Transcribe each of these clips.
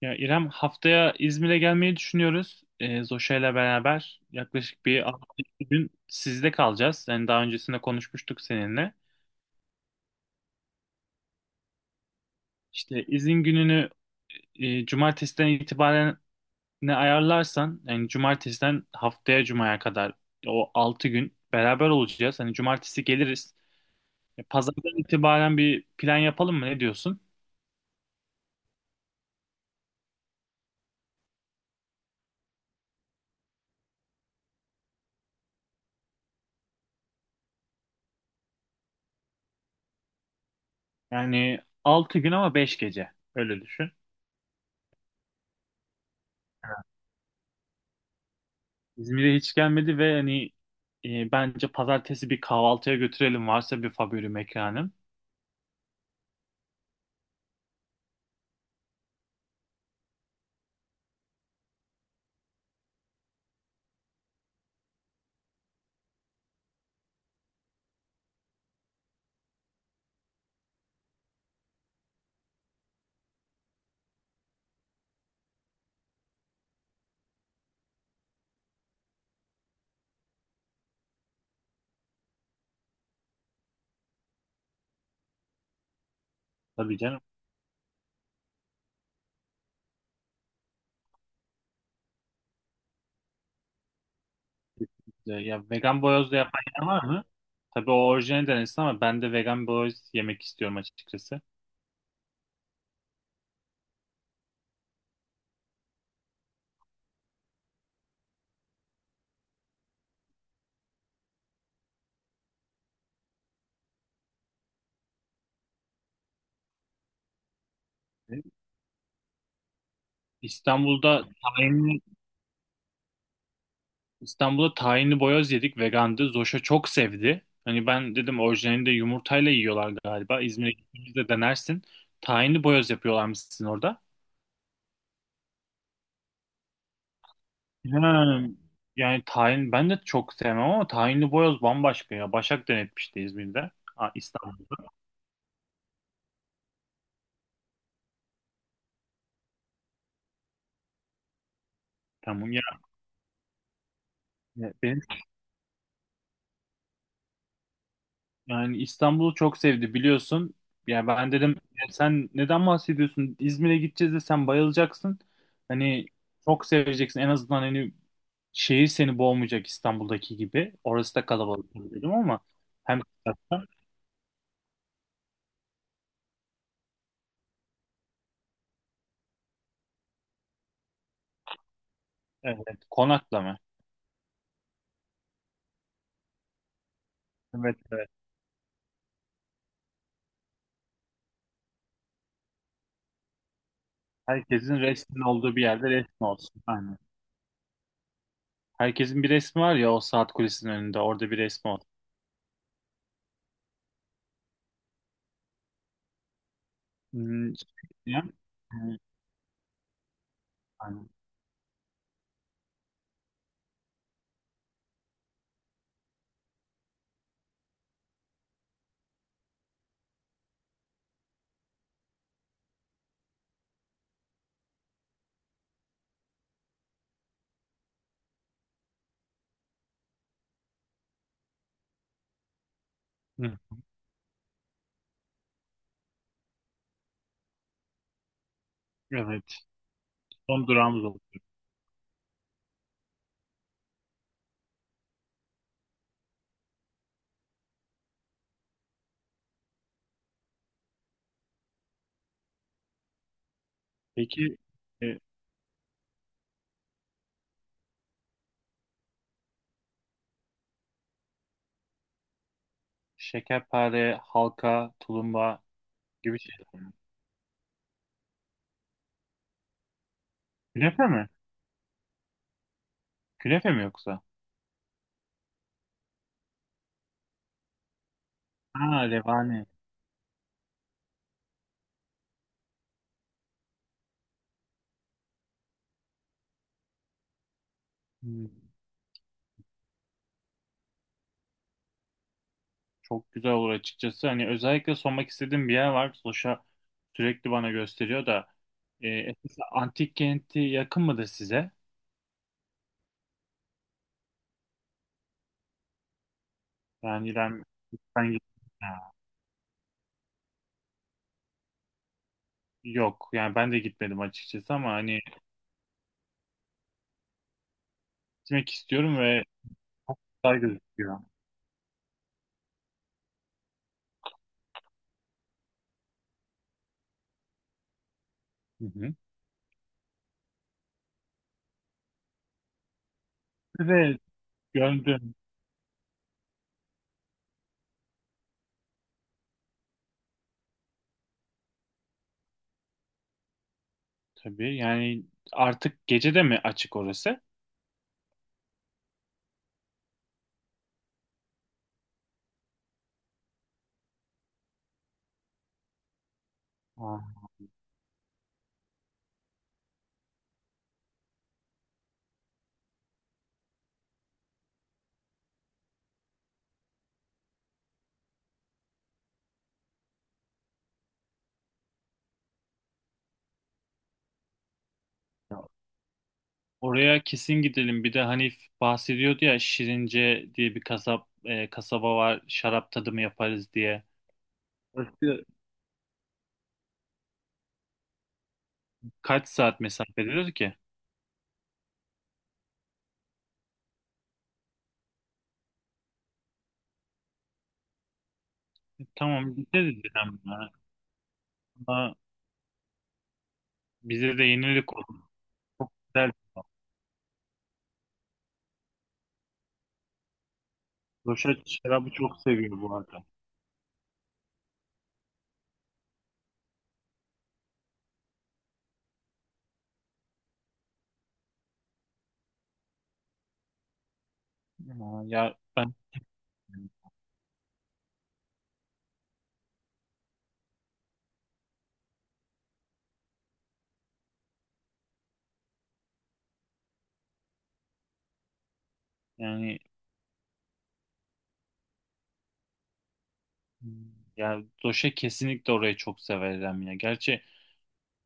Ya İrem haftaya İzmir'e gelmeyi düşünüyoruz. Zoşa ile beraber yaklaşık bir hafta 2 gün sizde kalacağız. Yani daha öncesinde konuşmuştuk seninle. İşte izin gününü cumartesiden itibaren ne ayarlarsan yani cumartesiden haftaya cumaya kadar o 6 gün beraber olacağız. Hani cumartesi geliriz. Pazardan itibaren bir plan yapalım mı? Ne diyorsun? Yani altı gün ama 5 gece. Öyle düşün. İzmir'e hiç gelmedi ve hani bence pazartesi bir kahvaltıya götürelim varsa bir favori mekanım. Tabii canım. Ya vegan boyoz da yapan yer var mı? Tabii o orijinal denesin ama ben de vegan boyoz yemek istiyorum açıkçası. İstanbul'da tahinli İstanbul'da tahinli boyoz yedik vegandı. Zoş'a çok sevdi. Hani ben dedim orijinalinde yumurtayla yiyorlar galiba. İzmir'e gittiğimizde denersin. Tahinli boyoz yapıyorlarmış sizin orada. Ha, yani tahin ben de çok sevmem ama tahinli boyoz bambaşka ya. Başak denetmişti İzmir'de. Aa, İstanbul'da tamam ya. Yani İstanbul'u çok sevdi biliyorsun. Ya ben dedim: "Ya sen neden bahsediyorsun? İzmir'e gideceğiz de sen bayılacaksın. Hani çok seveceksin. En azından hani şehir seni boğmayacak İstanbul'daki gibi. Orası da kalabalık tabii dedim ama hem evet, konaklama. Evet, evet. Herkesin resmin olduğu bir yerde resmi olsun. Aynen. Herkesin bir resmi var ya o saat kulesinin önünde. Orada bir resmi olsun. Şey diyeceğim. Hı, aynen. Hı, evet. Son durağımız oldu. Peki e, Şekerpare, halka, tulumba gibi şeyler mi? Künefe mi? Künefe mi yoksa? Ha, revani. Hmm, Çok güzel olur açıkçası. Hani özellikle sormak istediğim bir yer var. Soşa sürekli bana gösteriyor da. Efes antik kenti yakın mıdır size? Yani ben, ben gittim. Yok. Yani ben de gitmedim açıkçası ama hani gitmek istiyorum ve güzel gözüküyor. Hı hı. Ve gördüm tabii. Yani artık gece de mi açık orası? Aa. Oraya kesin gidelim. Bir de Hanif bahsediyordu ya Şirince diye bir kasaba var. Şarap tadımı yaparız diye. Orası kaç saat mesafededir ki? Tamam gideriz dedim ya. Ama bize de yenilik olur. Güzel. Roşet şarabı çok seviyor bu arada. Aa, ya ben yani ya Doşe kesinlikle orayı çok severim ya. Gerçi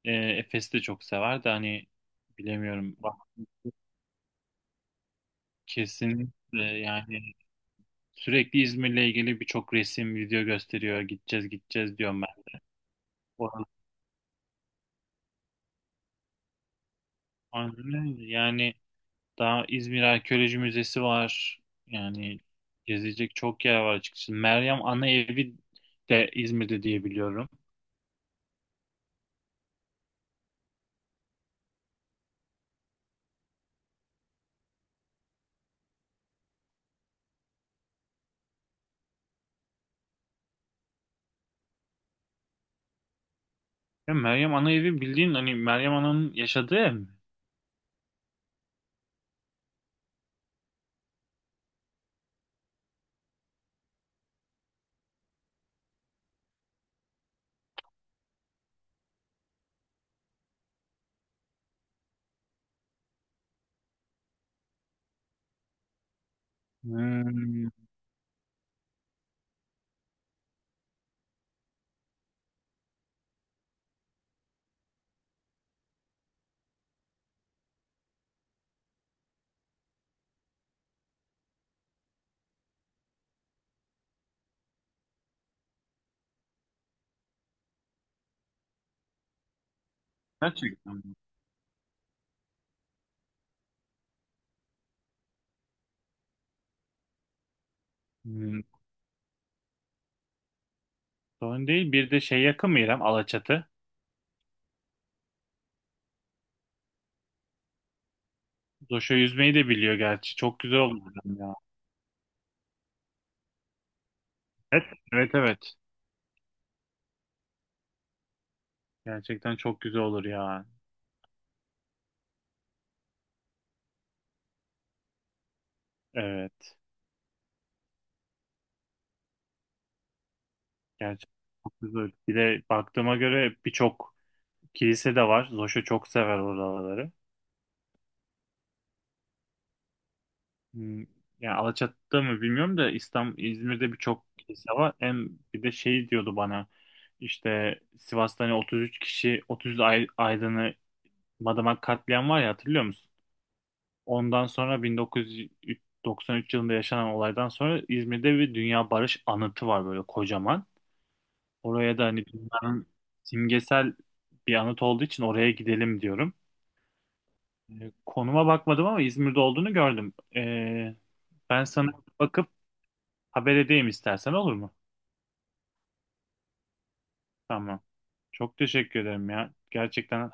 Efes'i de çok sever de hani bilemiyorum. Bak kesinlikle yani sürekli İzmir'le ilgili birçok resim, video gösteriyor. Gideceğiz, gideceğiz diyorum ben. Oranın- Aynen. Yani daha İzmir Arkeoloji Müzesi var. Yani gezilecek çok yer var açıkçası. Meryem Ana Evi de İzmir'de diye biliyorum. Ya Meryem Ana Evi bildiğin hani Meryem Ana'nın yaşadığı ev mi? Hmm, gerçekten mi? Hmm, Sorun değil. Bir de şey yakın mı İrem? Alaçatı. Zoş'a yüzmeyi de biliyor gerçi. Çok güzel olur ya. Evet, evet, evet. Gerçekten çok güzel olur ya. Evet. Gerçekten çok güzel. Bir de baktığıma göre birçok kilise de var. Zoş'a çok sever oraları. Hmm, Yani Alaçatı'da mı bilmiyorum da İstanbul, İzmir'de birçok kilise var. Hem bir de şey diyordu bana işte Sivas'ta hani 33 kişi 30 aydını Madımak katliam var ya hatırlıyor musun? Ondan sonra 1993 yılında yaşanan olaydan sonra İzmir'de bir Dünya Barış Anıtı var böyle kocaman. Oraya da hani dünyanın simgesel bir anıt olduğu için oraya gidelim diyorum. Konuma bakmadım ama İzmir'de olduğunu gördüm. Ben sana bakıp haber edeyim istersen olur mu? Tamam. Çok teşekkür ederim ya. Gerçekten